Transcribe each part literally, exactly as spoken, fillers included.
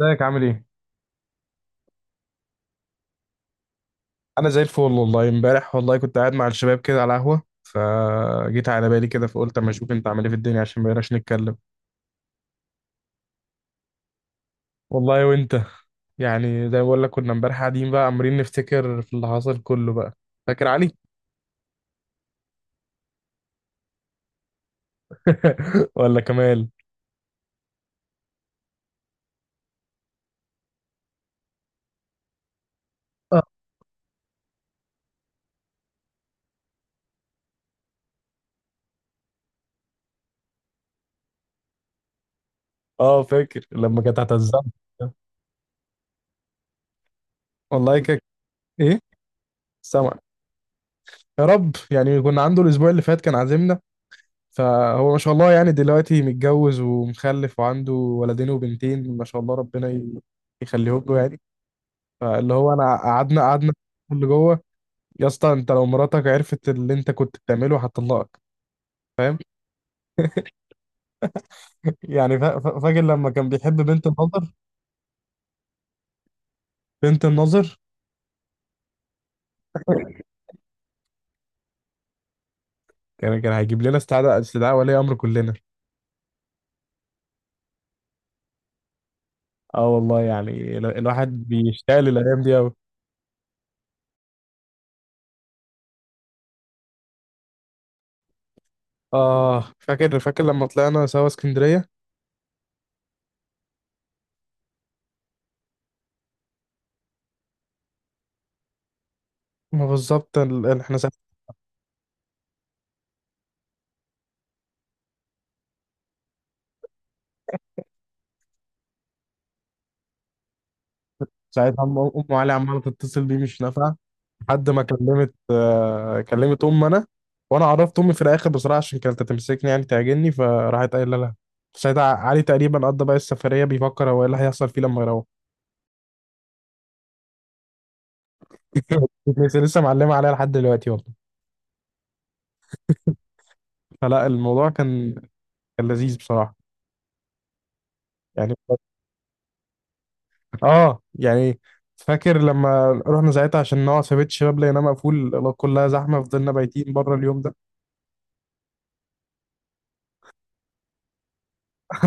ازيك عامل ايه؟ انا زي الفل والله. امبارح والله كنت قاعد مع الشباب كده على قهوة، فجيت على بالي كده فقلت اما اشوف انت عامل ايه في الدنيا عشان ما بقيناش نتكلم. والله وانت. يعني زي ما بقول لك، كنا امبارح قاعدين بقى عمالين نفتكر في اللي حصل كله بقى. فاكر علي؟ ولا كمال. اه. آه، فاكر لما كانت هتعزمنا. والله كده. ايه. سامع. يا رب. يعني كنا عنده الاسبوع اللي فات، كان عازمنا. فهو ما شاء الله، يعني دلوقتي متجوز ومخلف وعنده ولدين وبنتين ما شاء الله. ربنا ي- يخليهم له يعني. فاللي هو انا قعدنا قعدنا اللي جوه. يا اسطى، انت لو مراتك عرفت اللي انت كنت بتعمله هتطلقك. فاهم؟ يعني فا- فا- فاكر لما كان بيحب بنت الناظر؟ بنت الناظر. كان كان هيجيب لنا استدعاء استدعاء ولي امر كلنا. اه والله، يعني ال- الواحد بيشتاق للايام دي قوي. اه، فاكر فاكر لما طلعنا سوا اسكندريه. ما بالظبط ال- ال- احنا ساعتها أم- أم علي عمالة تتصل بيه مش نافعة، لحد ما كلمت، آه، كلمت أم أنا. وأنا عرفت أمي في الآخر بصراحة، عشان كانت هتمسكني يعني تعجني، فراحت قايلة لها. ساعتها علي تقريبا قضى بقى السفرية بيفكر هو إيه اللي هيحصل فيه لما يروح. لسه لسه معلمة عليها لحد دلوقتي والله. فلا الموضوع كان، كان لذيذ بصراحة. يعني. اه يعني. فاكر لما رحنا ساعتها عشان نقعد في بيت الشباب، لقيناه مقفول كلها زحمة، فضلنا بايتين بره اليوم ده.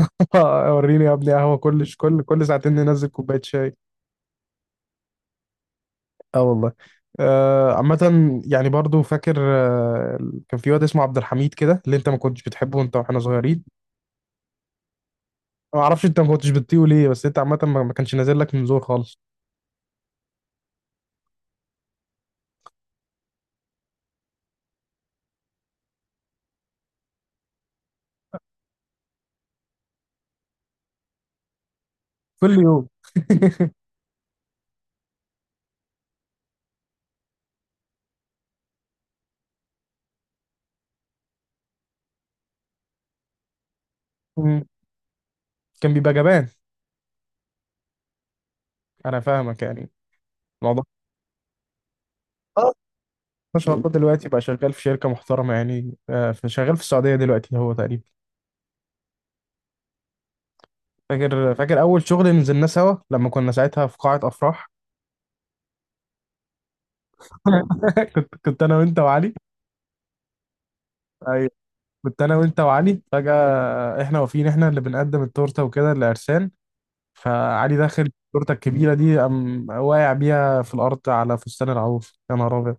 آه، وريني يا ابني قهوه، كل كل كل ساعتين ننزل كوبايه شاي. اه والله. آه، عامة يعني برضو فاكر، آه، كان في واد اسمه عبد الحميد كده اللي انت ما كنتش بتحبه وانت واحنا صغيرين. ما اعرفش انت ما كنتش بتطيقه ليه، بس انت عامة ما ما كانش نازل لك من زور خالص. كل يوم. مم. كان بيبقى جبان. انا فاهمك يعني. الموضوع. اه، ما شاء الله دلوقتي بقى شغال في شركة محترمة يعني، آه، في- شغال في السعودية دلوقتي هو تقريبا. فاكر فاكر اول شغل نزلناه سوا لما كنا ساعتها في قاعة افراح. كنت كنت انا وانت وعلي. ايوه، كنت انا وانت وعلي. فجأة احنا واقفين احنا اللي بنقدم التورته وكده لعرسان. فعلي داخل التورته الكبيره دي، قام واقع بيها في الارض على فستان العروس. يا نهار ابيض.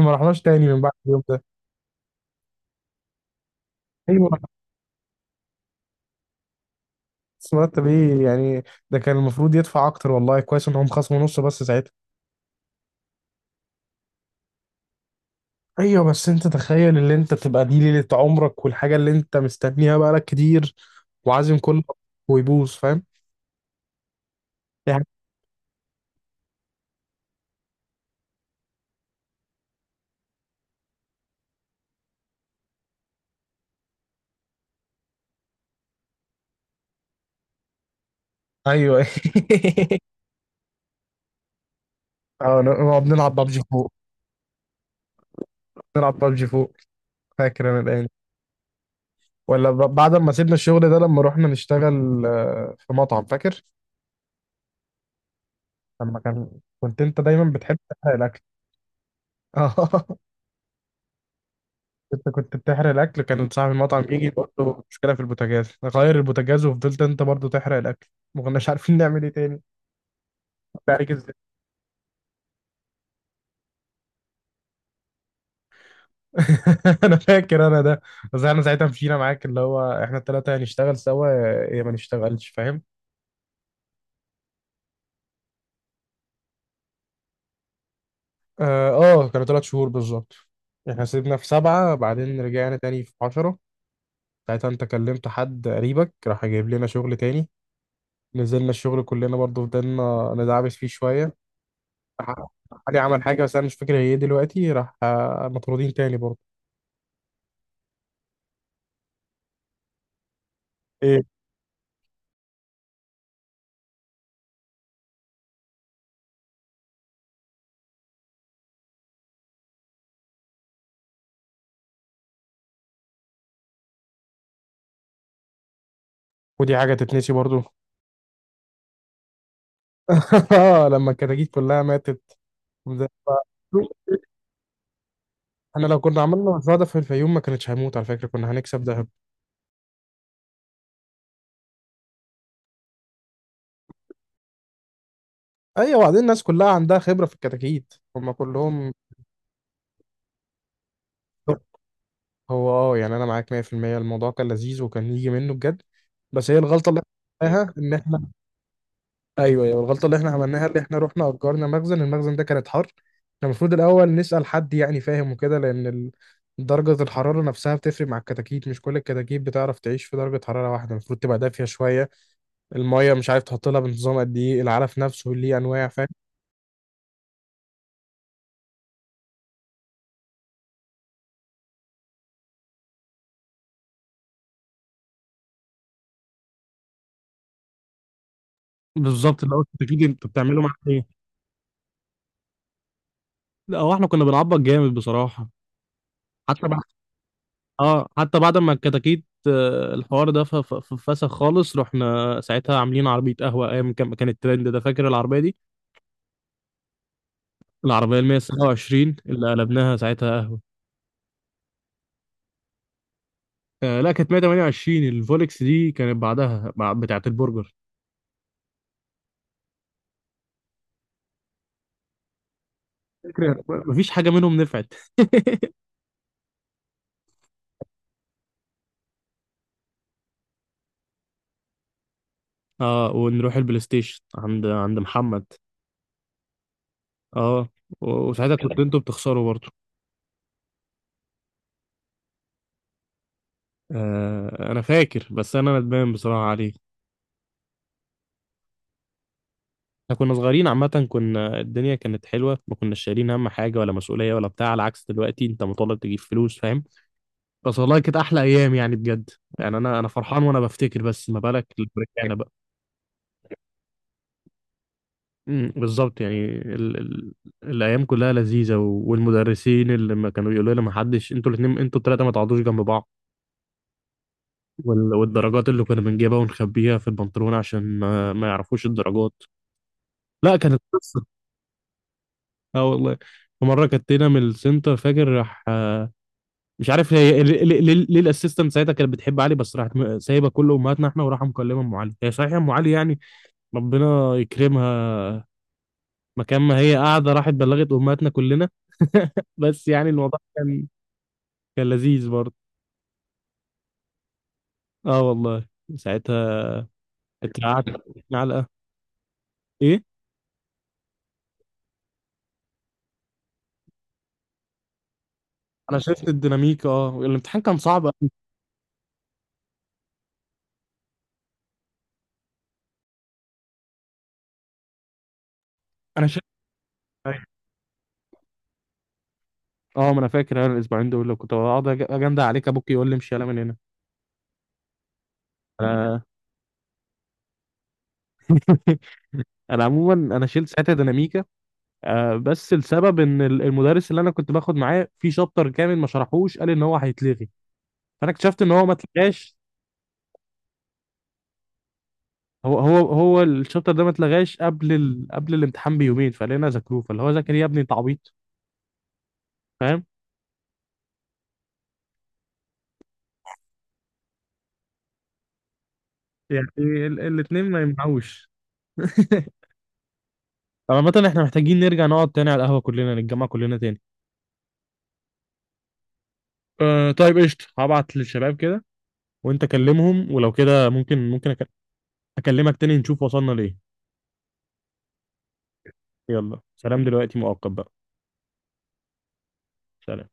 ما رحناش تاني من بعد اليوم ده. ايوه. بس مرتب ايه يعني؟ ده كان المفروض يدفع اكتر، والله كويس ان هم خصموا نص بس ساعتها. ايوه، بس انت تخيل، اللي انت بتبقى دي ليله عمرك والحاجه اللي انت مستنيها بقالك كتير، وعازم كله، ويبوظ. فاهم؟ يعني. ايوه. اه، نقعد نلعب بابجي فوق. نلعب بابجي فوق. فاكر انا الايام دي. ولا ب- بعد ما سيبنا الشغل ده، لما رحنا نشتغل آه، في مطعم، فاكر لما كان، كنت انت دايما بتحب تحرق الاكل. اه. انت كنت بتحرق الاكل، كان صاحب المطعم يجي يقول له مشكله في البوتاجاز، غير البوتاجاز وفضلت انت برضو تحرق الاكل. ما كناش عارفين نعمل ايه تاني. كنت عليك ازاي. انا فاكر انا ده. بس احنا ساعتها مشينا معاك، اللي هو احنا الثلاثه هنشتغل سوا يا ما نشتغلش. فاهم؟ اه. آه، كانوا ثلاث شهور بالظبط. احنا سيبنا في سبعة، بعدين رجعنا تاني في عشرة. ساعتها انت كلمت حد قريبك، راح جايب لنا شغل تاني. نزلنا الشغل كلنا برضه، فضلنا ندعبس فيه شوية. راح- علي عمل حاجة بس أنا مش فاكر هي إيه دلوقتي. راح آه، مطرودين تاني برضه. إيه؟ ودي حاجة تتنسي برضه؟ آه، لما الكتاكيت كلها ماتت. وده- احنا لو كنا عملنا المشروع ده في الفيوم، ما كانتش هيموت على فكرة، كنا هنكسب دهب. ايوه، وبعدين الناس كلها عندها خبرة في الكتاكيت هم كلهم. هو اه يعني انا معاك مية في المية. الموضوع كان لذيذ وكان يجي منه بجد، بس هي الغلطه اللي احنا عملناها ان احنا. ايوه ايوه الغلطه اللي احنا عملناها، اللي احنا رحنا اجرنا مخزن، المخزن ده كانت حر، كان المفروض الاول نسال حد يعني، فاهم؟ وكده، لان ال- درجه الحراره نفسها بتفرق مع الكتاكيت، مش كل الكتاكيت بتعرف تعيش في درجه حراره واحده، المفروض تبقى دافيه شويه. الميه مش عارف تحط لها بنظام قد ايه، العلف نفسه ليه انواع. فاهم؟ بالظبط، اللي هو الكتاكيت انت بتعمله مع ايه، لا هو احنا كنا بنعبط جامد بصراحه. حتى اه، حتى بعد ما الكتاكيت، آه، الحوار ده ف- ف- ف- فسخ خالص، رحنا ساعتها عاملين عربية قهوة، ايام كان كان الترند ده. فاكر العربية دي؟ العربية ال مئة وسبعة وعشرين اللي قلبناها ساعتها قهوة. آه لا، كانت مية تمنية وعشرين. الفولكس دي كانت بعدها، بع- بتاعة البرجر. فكرة مفيش حاجة منهم نفعت. اه، ونروح البلاي ستيشن عند عند محمد. اه. و- وساعتها كنت انتوا بتخسروا برضه. آه انا فاكر، بس انا ندمان بصراحة عليه. احنا كنا صغيرين عامة، كنا الدنيا كانت حلوة، ما كناش شايلين هم حاجة ولا مسؤولية ولا بتاع، على عكس دلوقتي انت مطالب تجيب فلوس. فاهم؟ بس والله كانت احلى ايام يعني، بجد. يعني انا انا فرحان وانا بفتكر، بس ما بالك لما رجعنا بقى. امم بالظبط، يعني ال... ال... الايام كلها لذيذة، و... والمدرسين اللي ما كانوا يقولوا لنا ما حدش، انتوا الاثنين انتوا الثلاثة ما تقعدوش جنب بعض. وال... والدرجات اللي كنا بنجيبها ونخبيها في البنطلون عشان ما, ما يعرفوش الدرجات. لا كانت قصة. اه والله. في مرة كتينا من السنتر، فاكر؟ راح، آه، مش عارف هي ليه ليه- ليه- ليه الاسيستنت ساعتها كانت بتحب علي؟ بس راحت م- سايبه كله، امهاتنا احنا، وراحه مكلمه ام علي. هي صحيح ام علي يعني، ربنا يكرمها. مكان ما هي قاعده راحت بلغت امهاتنا كلنا. بس يعني الموضوع كان، كان لذيذ برضه. اه والله. ساعتها اترعبت. علقه. ايه. انا شفت الديناميك، اه الامتحان كان صعب أوي. انا شفت. اه، ما انا فاكر انا الاسبوعين دول لو كنت بقعد أج- اجندع عليك ابوك يقول لي امشي يلا من هنا. انا. انا عموما انا شلت ساعتها ديناميكا. آه، بس السبب ان ال- المدرس اللي انا كنت باخد معاه في شابتر كامل ما شرحوش، قال ان هو هيتلغي، فانا اكتشفت ان هو ما اتلغاش. هو هو هو الشابتر ده ما اتلغاش قبل ال... قبل الامتحان بيومين، فلقينا ذاكروه، فاللي هو ذاكر يا ابني انت عبيط. فاهم؟ يعني ال... الاثنين ما يمنعوش. طب عامة احنا محتاجين نرجع نقعد تاني على القهوة، كلنا نتجمع كلنا تاني. أه طيب قشطة، هبعت للشباب كده وانت كلمهم، ولو كده ممكن ممكن أك- اكلمك تاني نشوف وصلنا لإيه. يلا سلام دلوقتي مؤقت بقى. سلام.